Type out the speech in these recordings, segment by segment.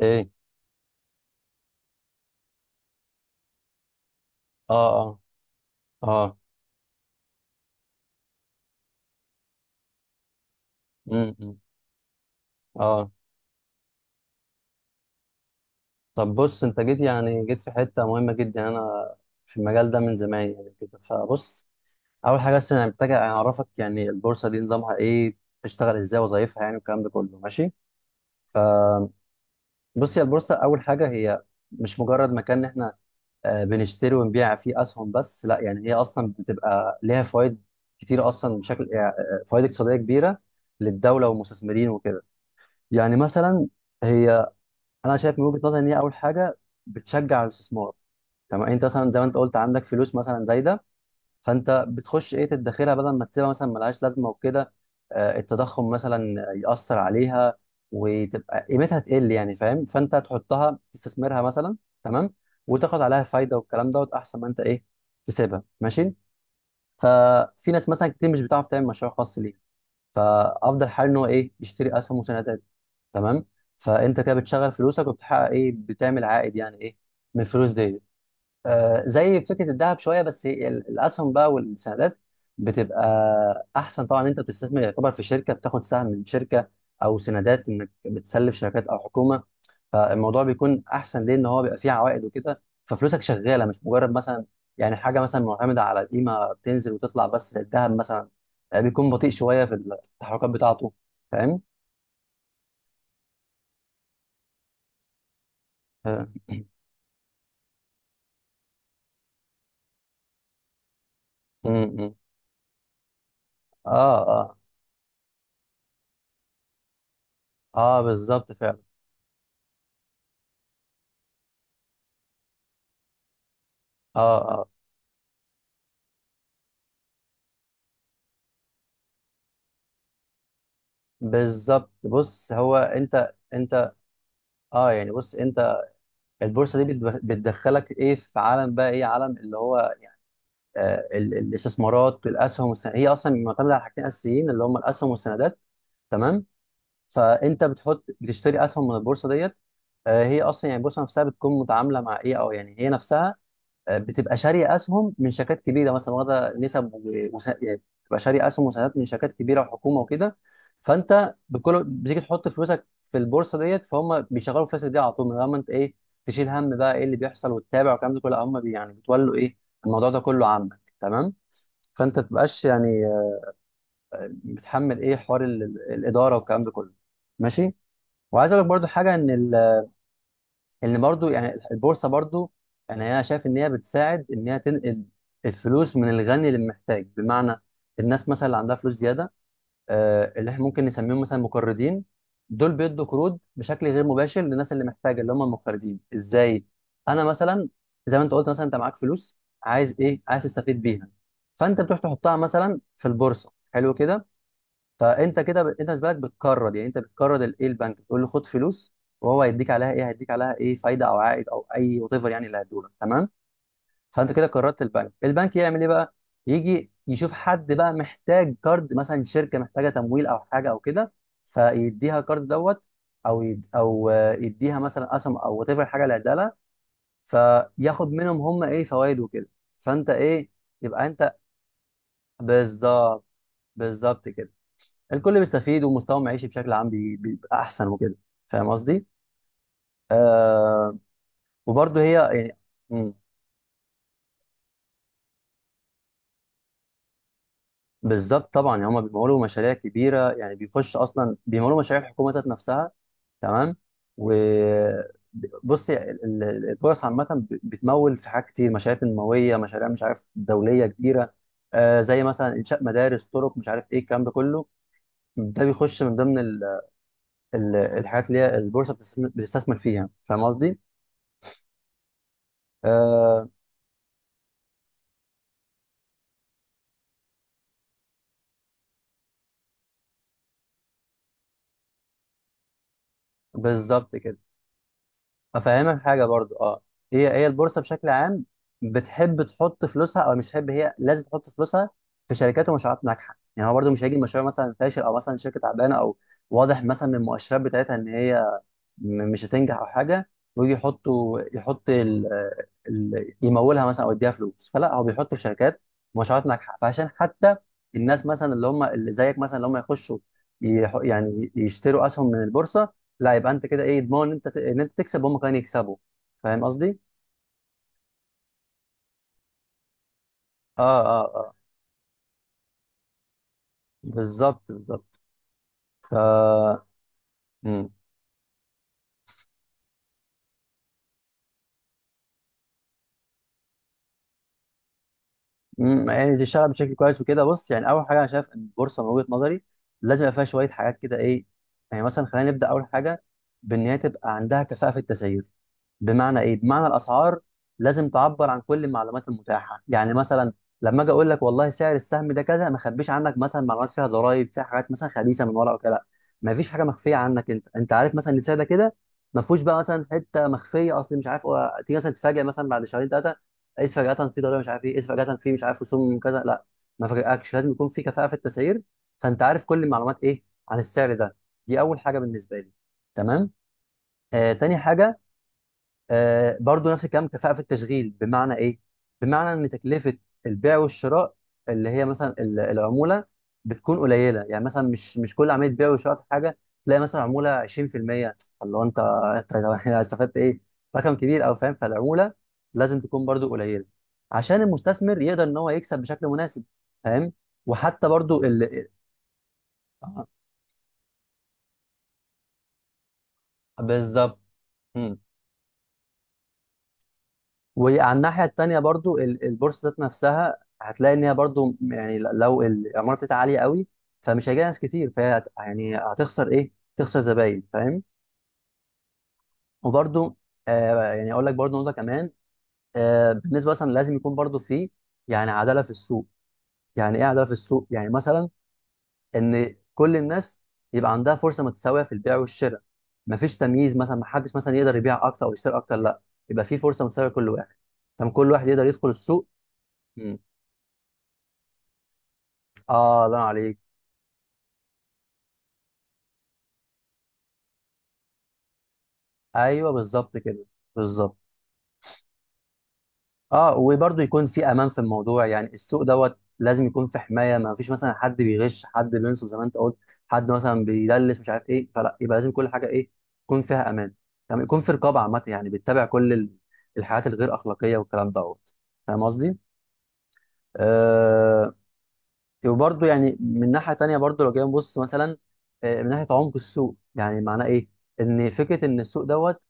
ايه. اه اه اه امم اه طب بص، انت جيت جيت في حته مهمه جدا. يعني انا في المجال ده من زمان يعني، كده فبص. اول حاجه، بس انا محتاج اعرفك يعني البورصه دي نظامها ايه، بتشتغل ازاي، وظايفها يعني، والكلام ده كله، ماشي؟ فبص، يا البورصه اول حاجه هي مش مجرد مكان إن احنا بنشتري ونبيع فيه اسهم بس، لا. يعني هي اصلا بتبقى ليها فوائد كتير اصلا، بشكل فوائد اقتصاديه كبيره للدوله والمستثمرين وكده. يعني مثلا هي انا شايف من وجهه نظري ان هي اول حاجه بتشجع على الاستثمار. تمام؟ انت مثلا زي ما انت قلت عندك فلوس مثلا زايده، فانت بتخش ايه، تدخرها بدل ما تسيبها مثلا ملهاش لازمه وكده. التضخم مثلا ياثر عليها وتبقى قيمتها تقل يعني، فاهم؟ فانت تحطها تستثمرها مثلا، تمام، وتاخد عليها فايده والكلام دوت، احسن ما انت ايه تسيبها، ماشي؟ ففي ناس مثلا كتير مش بتعرف تعمل مشروع خاص ليه، فافضل حل ان هو ايه، يشتري اسهم وسندات. تمام؟ فانت كده بتشغل فلوسك وبتحقق ايه، بتعمل عائد يعني ايه من الفلوس دي. آه، زي فكره الذهب شويه، بس هي الاسهم بقى والسندات بتبقى احسن طبعا. انت بتستثمر، يعتبر في شركه، بتاخد سهم من شركه او سندات انك بتسلف شركات او حكومه. فالموضوع بيكون احسن ليه ان هو بيبقى فيه عوائد وكده، ففلوسك شغاله مش مجرد مثلا يعني حاجه مثلا معتمده على القيمه بتنزل وتطلع بس زي الذهب مثلا. بيكون بطيء شويه في التحركات بتاعته، فاهم؟ آه. م- م. اه اه, آه بالظبط فعلا. اه اه بالظبط. بص هو انت. اه يعني بص، انت البورصه دي بتدخلك ايه في عالم بقى، ايه عالم اللي هو يعني آه، الاستثمارات والاسهم هي اصلا معتمده على حاجتين اساسيين اللي هم الاسهم والسندات. تمام؟ فانت بتحط، بتشتري اسهم من البورصه ديت. هي اصلا يعني البورصه نفسها بتكون متعامله مع ايه، او يعني هي نفسها بتبقى شاريه اسهم من شركات كبيره مثلا، واخده نسب يعني بتبقى شاريه اسهم وسهامات من شركات كبيره وحكومه وكده. فانت بكل بتيجي تحط فلوسك في البورصه ديت، فهم بيشغلوا فلوسك دي على طول، من غير ما انت ايه تشيل هم بقى ايه اللي بيحصل وتتابع والكلام ده كله. لا، هم بي يعني بتولوا ايه الموضوع ده كله عنك. تمام؟ فانت ما تبقاش يعني بتحمل ايه حوار الاداره والكلام ده كله، ماشي. وعايز اقول لك برضو حاجه ان ان برضو يعني البورصه برضو، يعني انا شايف ان هي بتساعد ان هي تنقل الفلوس من الغني للمحتاج. بمعنى الناس مثلا اللي عندها فلوس زياده، اللي احنا ممكن نسميهم مثلا مقرضين، دول بيدوا قروض بشكل غير مباشر للناس اللي محتاجه اللي هم المقرضين. ازاي؟ انا مثلا، زي ما انت قلت مثلا، انت معاك فلوس، عايز ايه، عايز تستفيد بيها، فانت بتروح تحطها مثلا في البورصه، حلو كده. فانت كده انت بالنسبه لك بتكرد، يعني انت بتكرد ايه البنك، بتقول له خد فلوس، وهو هيديك عليها ايه، هيديك عليها ايه، فايده او عائد او اي وات ايفر يعني اللي هيدولك، تمام. فانت كده كردت البنك، البنك يعمل ايه بقى، يجي يشوف حد بقى محتاج كارد مثلا، شركه محتاجه تمويل او حاجه او كده، فيديها كارد دوت. او يد... او آه، يديها مثلا اسهم او وات ايفر حاجه اللي هيديها لها، فياخد منهم هم ايه فوائد وكده. فانت ايه، يبقى انت، بالظبط. بالظبط كده. الكل بيستفيد، ومستوى المعيشي بشكل عام بيبقى احسن وكده، فاهم قصدي؟ آه، وبرضه هي يعني مم، بالظبط طبعا يعني هما بيمولوا مشاريع كبيره، يعني بيخش اصلا بيمولوا مشاريع الحكومه ذات نفسها، تمام. و بص يعني البورصه عامه بتمول في حاجات كتير، مشاريع تنمويه، مشاريع مش عارف دوليه كبيره. آه زي مثلا انشاء مدارس، طرق، مش عارف ايه الكلام ده كله. ده بيخش من ضمن الحاجات اللي هي البورصه بتستثمر فيها، فاهم قصدي؟ آه بالظبط كده. افهمك حاجه برضو، اه. هي البورصه بشكل عام بتحب تحط فلوسها او مش بتحب، هي لازم تحط فلوسها في شركات ومشروعات ناجحه. يعني هو برضو مش هيجي مشروع مثلا فاشل او مثلا شركه تعبانه، او واضح مثلا من المؤشرات بتاعتها ان هي مش هتنجح او حاجه، ويجي يحط يمولها مثلا او يديها فلوس. فلا، هو بيحط في شركات مشروعات ناجحه، فعشان حتى الناس مثلا اللي هم اللي زيك مثلا اللي هم يخشوا يعني يشتروا اسهم من البورصه، لا يبقى انت كده ايه ضمان ان انت ان انت تكسب وهم كمان يكسبوا، فاهم قصدي؟ اه اه اه بالظبط بالظبط. ف يعني تشتغل بشكل كويس وكده. بص، يعني اول حاجه انا شايف ان البورصه من وجهه نظري لازم يبقى فيها شويه حاجات كده، ايه يعني. مثلا، خلينا نبدا اول حاجه بان هي تبقى عندها كفاءه في التسعير. بمعنى ايه؟ بمعنى الاسعار لازم تعبر عن كل المعلومات المتاحه. يعني مثلا لما اجي اقول لك والله سعر السهم ده كذا، ما اخبيش عنك مثلا معلومات فيها ضرائب، فيها حاجات مثلا خبيثه من ورا او كده. لا، ما فيش حاجه مخفيه عنك، انت انت عارف مثلا ان السعر ده كده، ما فيهوش بقى مثلا حته مخفيه اصل مش عارف هو- تيجي مثلا تتفاجئ مثلا بعد شهرين ثلاثه، قيس فجأة في ضريبة مش عارف ايه، قيس فجأة في مش عارف رسوم كذا. لا، ما فاجئكش، لازم يكون في كفاءة في التسعير، فانت عارف كل المعلومات ايه عن السعر ده. دي اول حاجة بالنسبة لي، تمام. آه تاني حاجة، برضو نفس الكلام، كفاءة في التشغيل. بمعنى ايه؟ بمعنى ان تكلفة البيع والشراء اللي هي مثلا العمولة بتكون قليلة. يعني مثلا مش كل عملية بيع وشراء في حاجة تلاقي مثلا عمولة 20%، اللي هو انت استفدت ايه؟ رقم كبير، او فاهم، فالعمولة لازم تكون برضو قليلة عشان المستثمر يقدر ان هو يكسب بشكل مناسب، فاهم؟ وحتى برضو ال... آه، بالظبط. وعلى الناحية التانية برضو البورصة ذات نفسها، هتلاقي إن هي برضو يعني لو العمارة بتاعتها عالية قوي، فمش هيجي ناس كتير، فهي يعني هتخسر إيه؟ تخسر زباين، فاهم؟ وبرضو آه يعني، أقول لك برضو نقطة كمان. آه بالنسبة مثلا، لازم يكون برضو في يعني عدالة في السوق. يعني إيه عدالة في السوق؟ يعني مثلا إن كل الناس يبقى عندها فرصة متساوية في البيع والشراء. مفيش تمييز، مثلا محدش مثلا يقدر يبيع أكتر أو يشتري أكتر، لا، يبقى في فرصة متساوية لكل واحد، طب كل واحد يقدر يدخل السوق. اه الله عليك. ايوه بالظبط كده، بالظبط. اه وبرضه يكون في امان في الموضوع، يعني السوق دوت لازم يكون في حمايه، ما فيش مثلا حد بيغش، حد بينصب زي ما انت قلت، حد مثلا بيدلس مش عارف ايه. فلا، يبقى لازم كل حاجه ايه يكون فيها امان، تمام، يكون في رقابه عامه، يعني بتتابع كل الحاجات الغير اخلاقيه والكلام دوت، فاهم قصدي؟ آه وبرضه يعني من ناحيه تانيه، برضه لو جينا نبص مثلا من ناحيه عمق السوق. يعني معناه ايه؟ ان فكره ان السوق دوت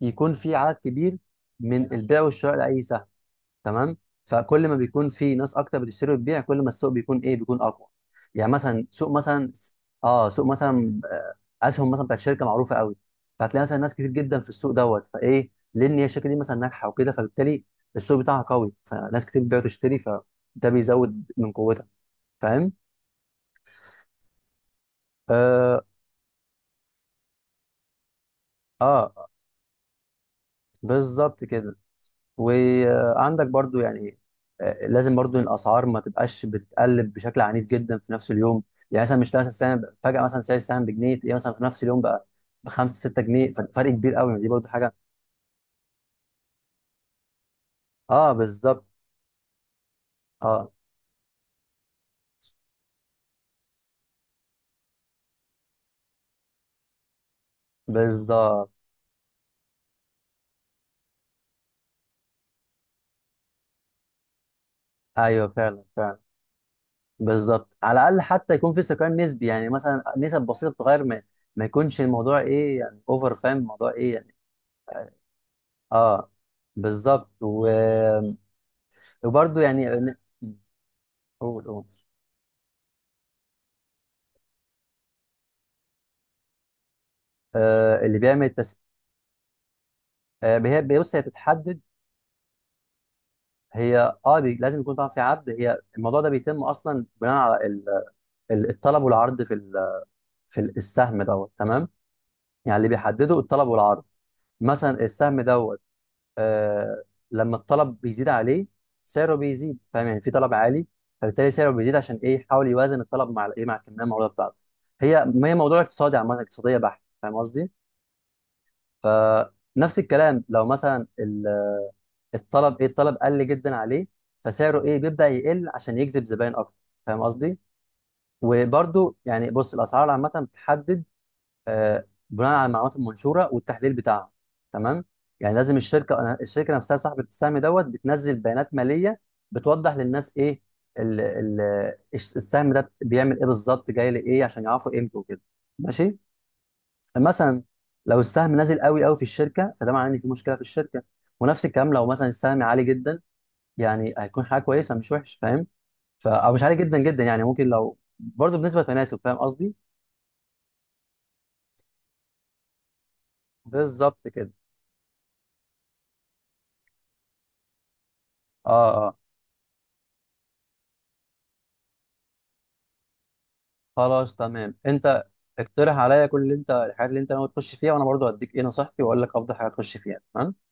يكون في عدد كبير من البيع والشراء لاي سهم. تمام؟ فكل ما بيكون في ناس اكتر بتشتري وتبيع، كل ما السوق بيكون ايه، بيكون اقوى. يعني مثلا سوق مثلا، اه سوق مثلا اسهم مثلا بتاعت شركه معروفه قوي، فهتلاقي مثلا ناس كتير جدا في السوق دوت، فايه، لان هي الشركه دي مثلا ناجحه وكده، فبالتالي السوق بتاعها قوي، فناس كتير بتبيع وتشتري، فده بيزود من قوتها، فاهم؟ اه, آه بالظبط كده. وعندك برضو يعني لازم برضو الاسعار ما تبقاش بتقلب بشكل عنيف جدا في نفس اليوم. يعني مثلا مش تلاقي السهم فجاه مثلا سعر السهم بجنيه، تلاقيه مثلا في نفس اليوم بقى بخمسة ستة جنيه، فرق كبير قوي، دي برضو حاجه. اه بالظبط. اه بالظبط ايوه فعلا فعلا، بالظبط. على الاقل حتى يكون في استقرار نسبي، يعني مثلا نسب بسيطه بتتغير، ما يكونش الموضوع ايه يعني اوفر، فاهم الموضوع ايه يعني. اه بالظبط وبرضو يعني، قول، آه، اللي بيعمل التس... آه، هي بص هي بتتحدد، هي اه لازم يكون طبعا في عرض، هي الموضوع ده بيتم اصلا بناء على الطلب والعرض في في السهم دوت، تمام. يعني اللي بيحدده الطلب والعرض، مثلا السهم دوت آه لما الطلب بيزيد عليه سعره بيزيد، فاهم؟ يعني في طلب عالي، فبالتالي سعره بيزيد عشان ايه، يحاول يوازن الطلب مع الايه مع الكميه المعروضه بتاعته. هي هي موضوع اقتصادي، عامه اقتصاديه بحت، فاهم قصدي؟ فنفس الكلام لو مثلا الطلب ايه، الطلب قل جدا عليه، فسعره ايه بيبدأ يقل عشان يجذب زباين اكتر، فاهم قصدي. وبرده يعني بص الاسعار عامه بتحدد بناء على المعلومات المنشوره والتحليل بتاعها، تمام. يعني لازم الشركه نفسها صاحبه السهم دوت بتنزل بيانات ماليه بتوضح للناس ايه ال ال السهم ده بيعمل ايه بالظبط، جاي لايه، عشان يعرفوا قيمته وكده، ماشي. مثلا لو السهم نازل قوي قوي في الشركه، فده معناه ان في مشكله في الشركه. ونفس الكلام لو مثلا السهم عالي جدا، يعني هيكون حاجه كويسه مش وحش، فاهم؟ ف او مش عالي جدا جدا يعني، ممكن لو برضه بنسبه تناسب، فاهم قصدي؟ بالظبط كده. اه اه خلاص تمام. انت اقترح عليا كل اللي انت، الحاجات اللي انت ناوي تخش فيها، وانا برضه هديك ايه نصيحتي، واقول لك افضل حاجه تخش فيها، تمام.